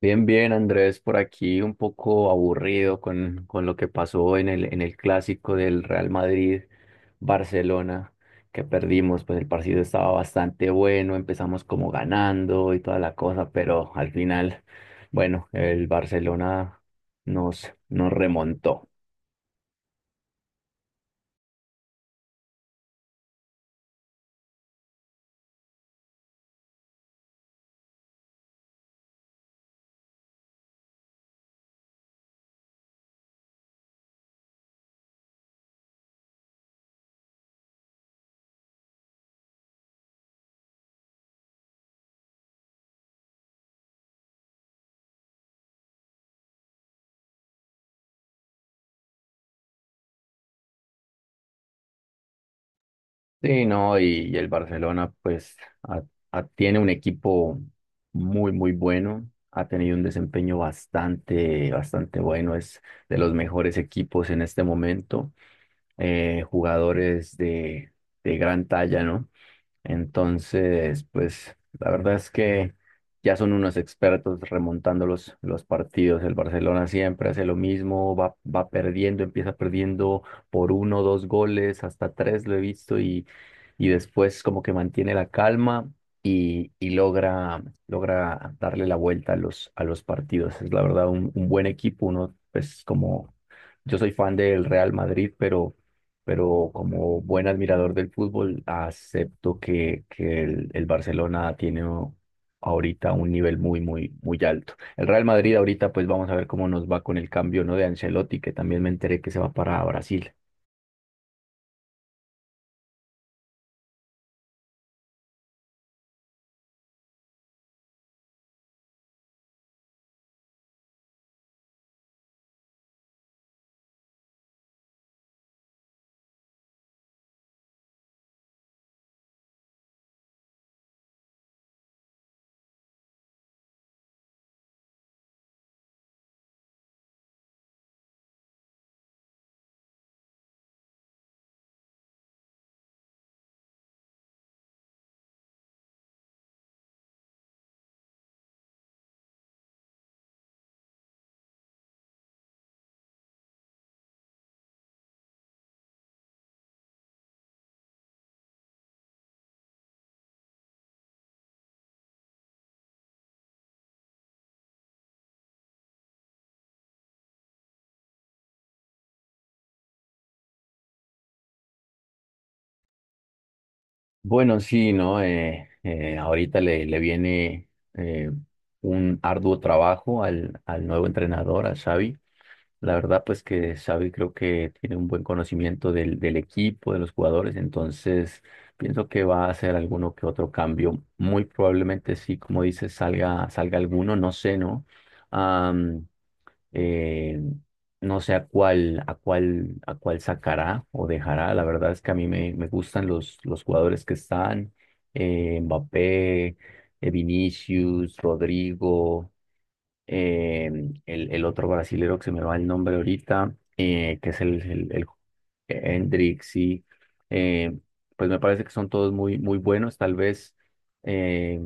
Bien, bien, Andrés, por aquí un poco aburrido con lo que pasó en el clásico del Real Madrid-Barcelona que perdimos. Pues el partido estaba bastante bueno, empezamos como ganando y toda la cosa, pero al final, bueno, el Barcelona nos remontó. Sí, no, y el Barcelona pues a- tiene un equipo muy, muy bueno, ha tenido un desempeño bastante bueno, es de los mejores equipos en este momento, jugadores de gran talla, ¿no? Entonces, pues la verdad es que ya son unos expertos remontando los partidos. El Barcelona siempre hace lo mismo, va perdiendo, empieza perdiendo por uno, dos goles, hasta tres lo he visto, y después como que mantiene la calma y logra, logra darle la vuelta a a los partidos. Es la verdad un buen equipo. Uno pues como yo soy fan del Real Madrid, pero como buen admirador del fútbol, acepto que el Barcelona tiene ahorita un nivel muy, muy, muy alto. El Real Madrid ahorita, pues vamos a ver cómo nos va con el cambio, ¿no?, de Ancelotti, que también me enteré que se va para Brasil. Bueno, sí, ¿no? Ahorita le viene eh, un arduo trabajo al, al nuevo entrenador, a Xavi. La verdad, pues que Xavi creo que tiene un buen conocimiento del equipo, de los jugadores. Entonces pienso que va a hacer alguno que otro cambio. Muy probablemente sí, como dices, salga alguno, no sé, ¿no? eh, no sé a a cuál sacará o dejará. La verdad es que a mí me gustan los jugadores que están. Eh, Mbappé, Vinicius, Rodrigo, eh, el otro brasilero que se me va el nombre ahorita, que es el Hendrix, sí. Eh, pues me parece que son todos muy, muy buenos. Tal vez, eh,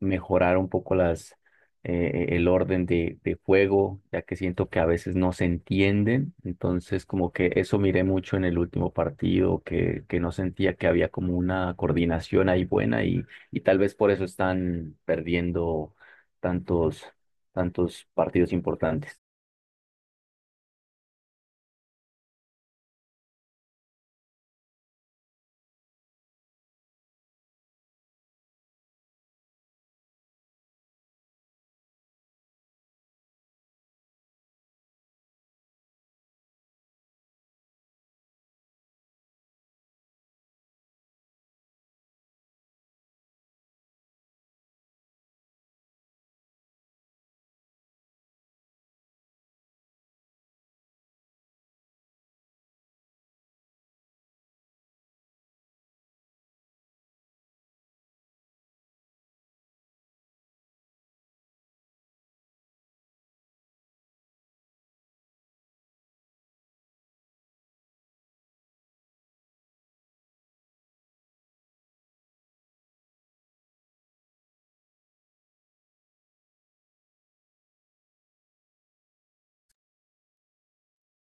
mejorar un poco las, el orden de juego, ya que siento que a veces no se entienden. Entonces, como que eso miré mucho en el último partido, que no sentía que había como una coordinación ahí buena, y tal vez por eso están perdiendo tantos, tantos partidos importantes.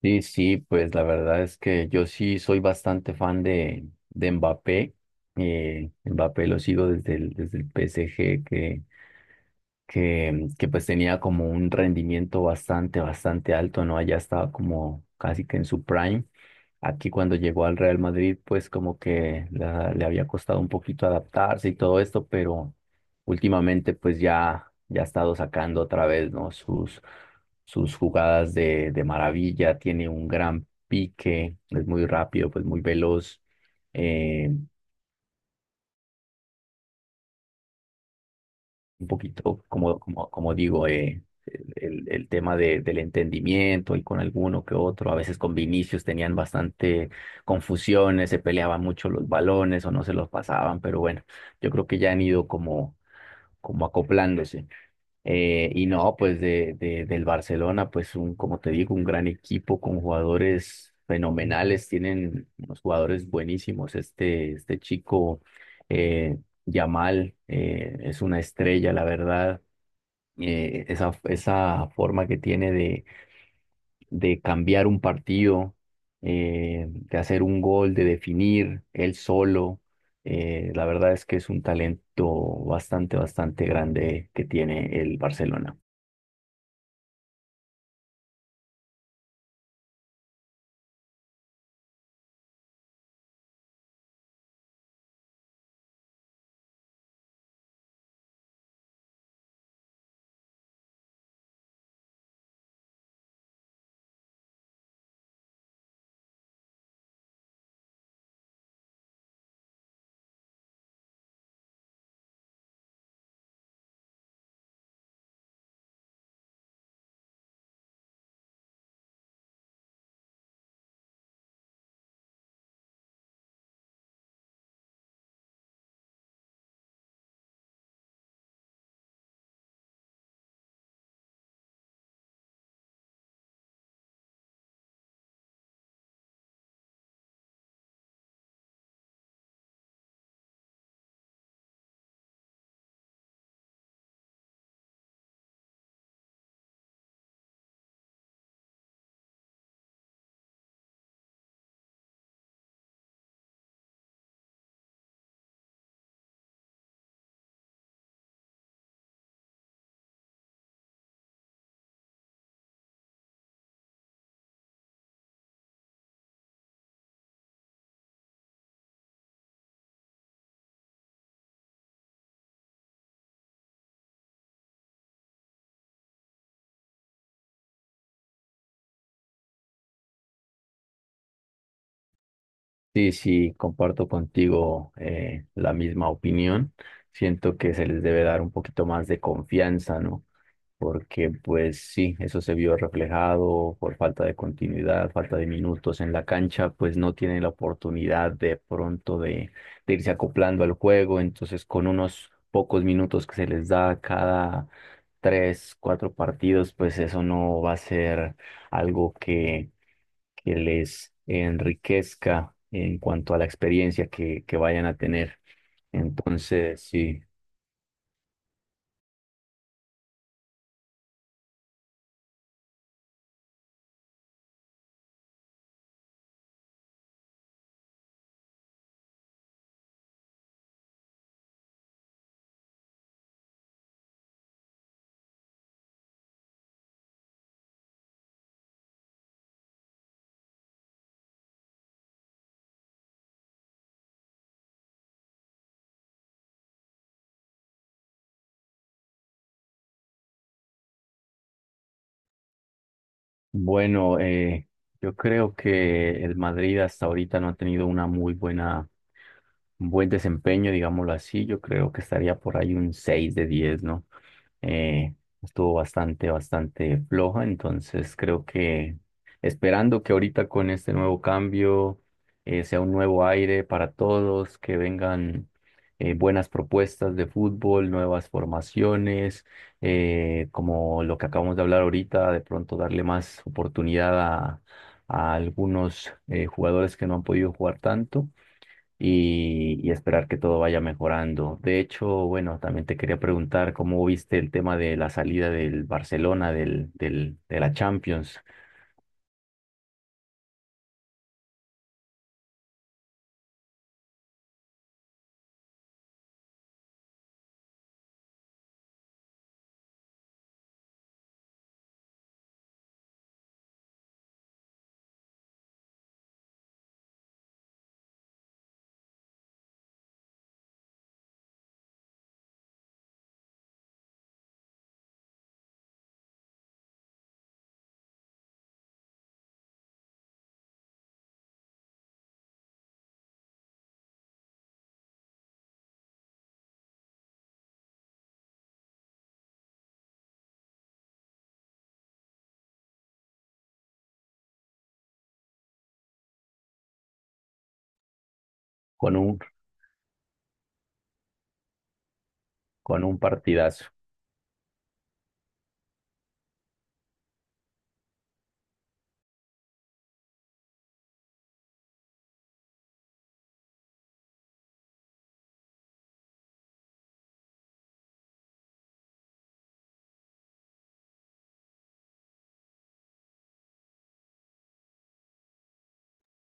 Sí, sí, pues la verdad es que yo sí soy bastante fan de Mbappé. Mbappé lo sigo desde desde el PSG, que pues tenía como un rendimiento bastante, bastante alto, ¿no? Allá estaba como casi que en su prime. Aquí cuando llegó al Real Madrid, pues como que le había costado un poquito adaptarse y todo esto, pero últimamente pues ya ha estado sacando otra vez, ¿no? Sus jugadas de maravilla, tiene un gran pique, es muy rápido, pues muy veloz. Eh, un poquito, como digo, el tema del entendimiento y con alguno que otro. A veces con Vinicius tenían bastante confusiones, se peleaban mucho los balones o no se los pasaban, pero bueno, yo creo que ya han ido como, como acoplándose. Y no, pues del Barcelona, pues un, como te digo, un gran equipo con jugadores fenomenales, tienen unos jugadores buenísimos. Este chico, eh, Yamal, es una estrella, la verdad. Esa forma que tiene de cambiar un partido, de hacer un gol, de definir él solo, la verdad es que es un talento bastante, bastante grande que tiene el Barcelona. Sí, sí, comparto contigo, la misma opinión. Siento que se les debe dar un poquito más de confianza, ¿no? Porque pues sí, eso se vio reflejado por falta de continuidad, falta de minutos en la cancha, pues no tienen la oportunidad de pronto de irse acoplando al juego. Entonces, con unos pocos minutos que se les da cada tres, cuatro partidos, pues eso no va a ser algo que les enriquezca en cuanto a la experiencia que vayan a tener. Entonces, sí, bueno, yo creo que el Madrid hasta ahorita no ha tenido una muy buena, un buen desempeño, digámoslo así. Yo creo que estaría por ahí un 6 de 10, ¿no? Eh, estuvo bastante, bastante floja, entonces creo que esperando que ahorita con este nuevo cambio, sea un nuevo aire para todos, que vengan buenas propuestas de fútbol, nuevas formaciones, como lo que acabamos de hablar ahorita, de pronto darle más oportunidad a algunos jugadores que no han podido jugar tanto, y esperar que todo vaya mejorando. De hecho, bueno, también te quería preguntar cómo viste el tema de la salida del Barcelona de la Champions con un, con un partidazo.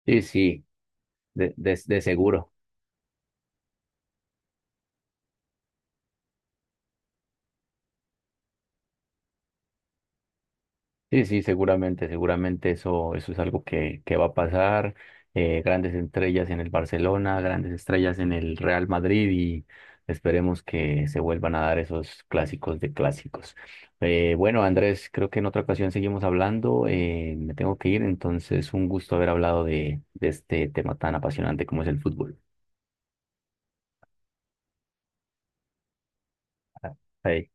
Sí, sí, de seguro. Sí, sí, seguramente, seguramente eso, eso es algo que va a pasar. Grandes estrellas en el Barcelona, grandes estrellas en el Real Madrid, y esperemos que se vuelvan a dar esos clásicos de clásicos. Bueno, Andrés, creo que en otra ocasión seguimos hablando. Eh, me tengo que ir, entonces un gusto haber hablado de este tema tan apasionante como es el fútbol. Ahí.